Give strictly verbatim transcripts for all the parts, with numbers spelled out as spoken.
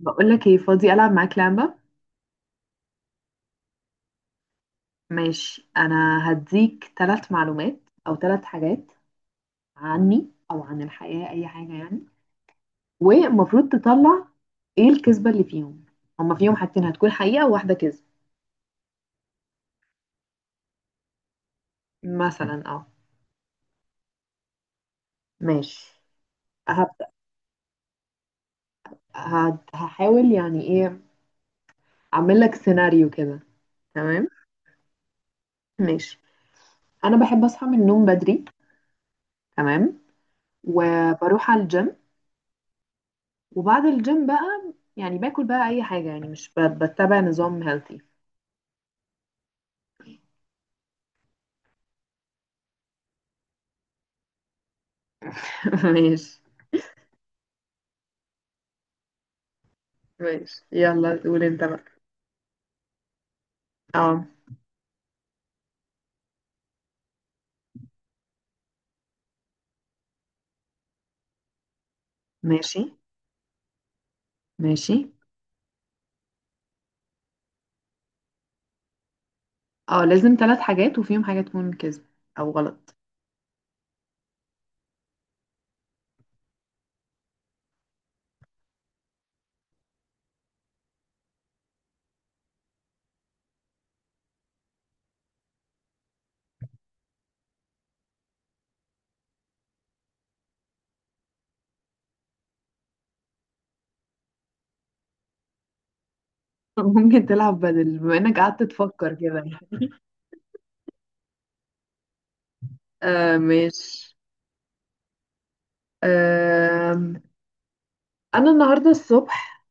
بقولك ايه، فاضي ألعب معاك لعبة؟ ماشي، أنا هديك ثلاث معلومات أو ثلاث حاجات عني أو عن الحياة، أي حاجة يعني، والمفروض تطلع ايه الكذبة اللي فيهم. هما فيهم حاجتين هتكون حقيقة وواحدة كذب. مثلا، اه، ماشي، هبدأ. هد- هحاول يعني ايه، أعمل لك سيناريو كده، تمام، ماشي. أنا بحب أصحى من النوم بدري، تمام، وبروح على الجيم، وبعد الجيم بقى يعني باكل بقى أي حاجة يعني، مش ب- بتبع نظام healthy. ماشي، ماشي، يلا قول انت بقى. اه، ماشي، ماشي، اه لازم ثلاث حاجات وفيهم حاجة تكون كذب او غلط. ممكن تلعب بدل، بما انك قعدت تفكر كده، آه، ماشي. آم، انا النهارده الصبح،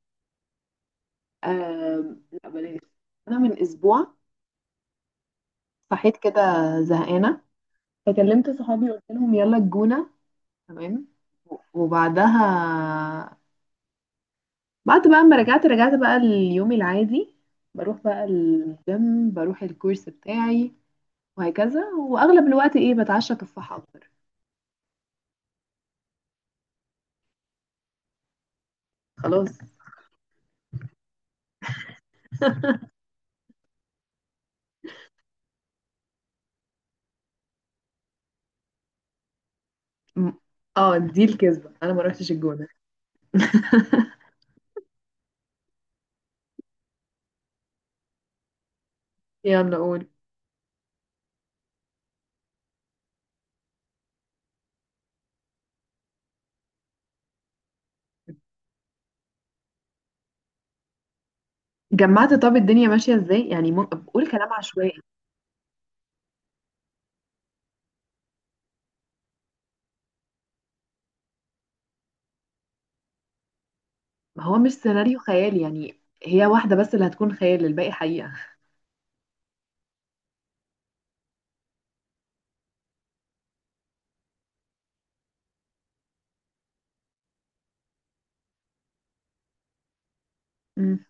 آم، لا بلاش، انا من اسبوع صحيت كده زهقانه، فكلمت صحابي قلت لهم يلا الجونه، تمام. وبعدها، بعد بقى ما رجعت، رجعت بقى اليوم العادي، بروح بقى الجيم، بروح الكورس بتاعي، وهكذا، واغلب الوقت ايه بتعشى تفاحة اكتر، خلاص. م- اه، دي الكذبة، انا ما روحتش الجونة. يلا قول. جمعت، طب الدنيا ماشية ازاي يعني، م... بقول كلام عشوائي. ما هو مش سيناريو خيالي يعني، هي واحدة بس اللي هتكون خيال، الباقي حقيقة. مم.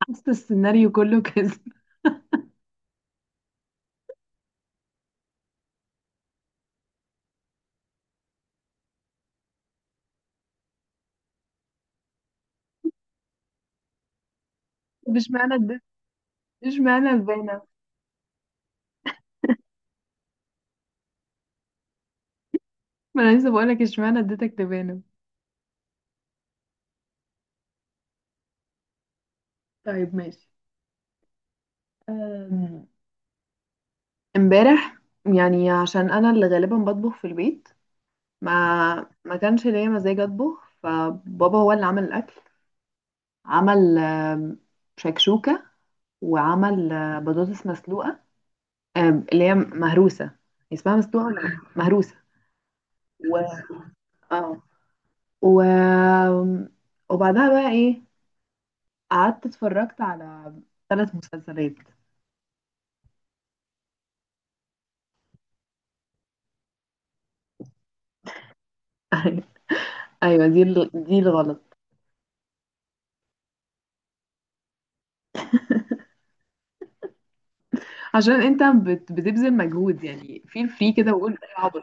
حاسة السيناريو كله كذب. طب اشمعنى اديت، اشمعنى البانة. ما انا لسه بقولك اشمعنى اديتك تبانة. طيب ماشي، أم، امبارح، يعني عشان انا اللي غالبا بطبخ في البيت، ما ما كانش ليا مزاج اطبخ، فبابا هو اللي عمل الاكل. عمل أم، شكشوكة، وعمل أه، بطاطس مسلوقة، أم، اللي هي مهروسة يعني. اسمها مسلوقة ولا مهروسة؟ مهروسة. و اه و وبعدها بقى ايه، قعدت اتفرجت على ثلاث مسلسلات. ايوه، دي ال- دي الغلط. عشان انت بت- بتبذل مجهود يعني، في في كده، وقول إيه العبط.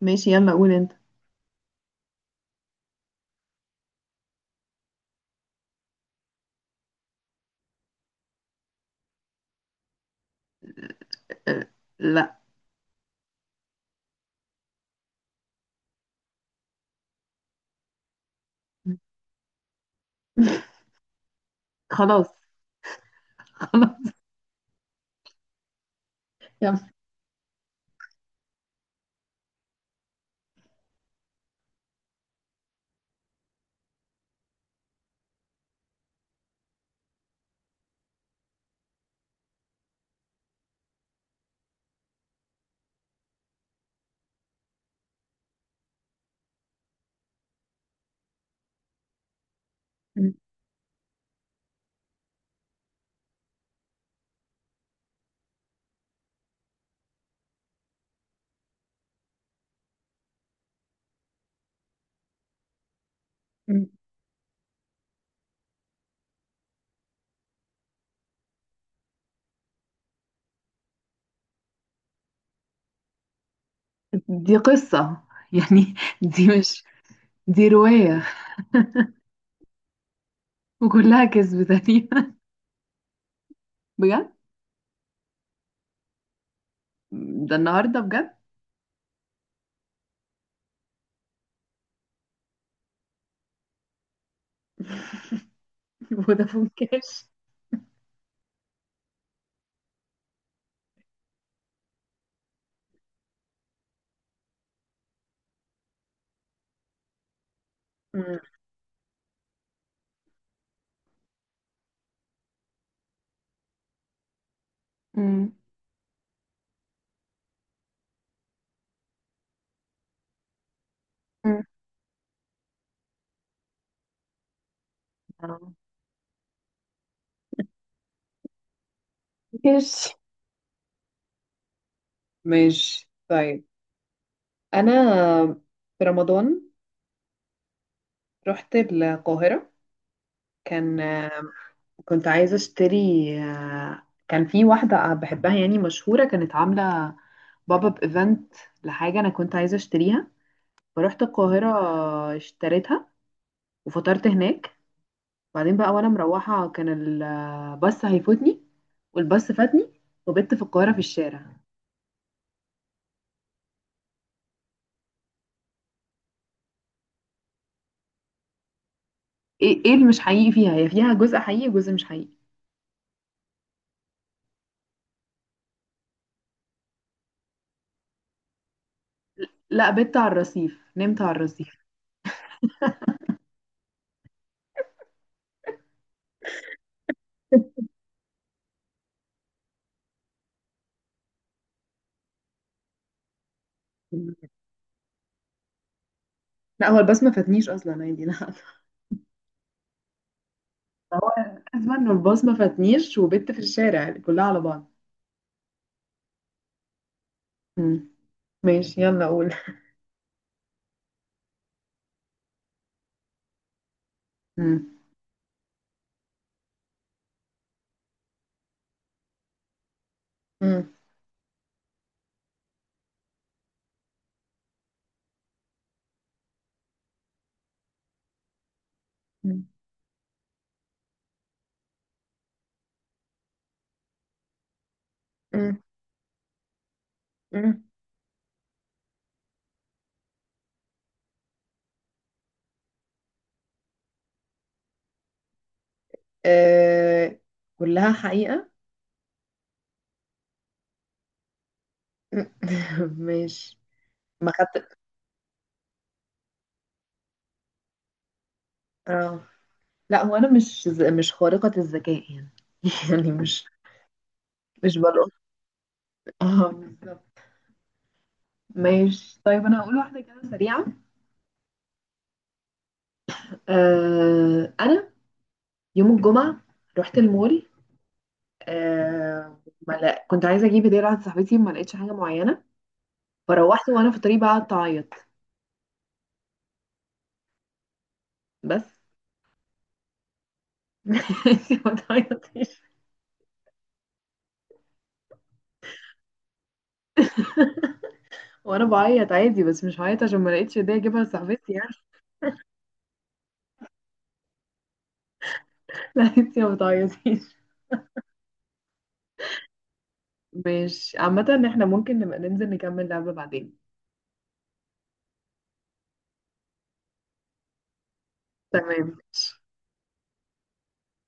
ماشي، يلا قول انت. آه، لا، خلاص، خلاص، يلا، دي قصة يعني، دي مش دي رواية، وكلها كذب تقريبا، بجد. ده النهاردة بجد. فودافون كاش. مم. مم. مم. آه. ماشي، ماشي طيب. أنا في رمضان رحت القاهرة، كان كنت عايزة اشتري، آه، كان في واحدة بحبها يعني مشهورة، كانت عاملة باب اب ايفنت لحاجة انا كنت عايزة اشتريها، فروحت القاهرة اشتريتها وفطرت هناك. بعدين بقى وانا مروحة، كان الباص هيفوتني، والباص فاتني، وبت في القاهرة في الشارع. ايه، ايه اللي مش حقيقي فيها؟ هي فيها جزء حقيقي وجزء مش حقيقي. لا، بت على الرصيف، نمت على الرصيف. لا، هو الباص ما فاتنيش اصلا عادي، لا هو الازمه انه الباص ما فاتنيش وبت في الشارع كلها على بعض. مم. ماشي، يلا قول. مم. مم. مم. مم. مم. آه. كلها حقيقة. مم. ماشي. ما خدت، اه، لا هو انا مش ز- مش خارقة الذكاء يعني، يعني مش مش بلقط، اه، بالظبط. ماشي طيب، انا هقول واحدة كده سريعة، آه. انا يوم الجمعة رحت المول، آه. ما لا- كنت عايزة اجيب هدية لواحدة صاحبتي، ما لقيتش حاجة معينة، فروحت وانا في الطريق بقى قعدت اعيط بس. ماشي، ما تعيطيش. وانا بعيط عادي بس، مش هعيط عشان ما لقيتش هديه اجيبها لصاحبتي يعني. لا انتي ما بتعيطيش. ماشي عامة، احنا ممكن نبقى ننزل نكمل لعبة بعدين، تمام.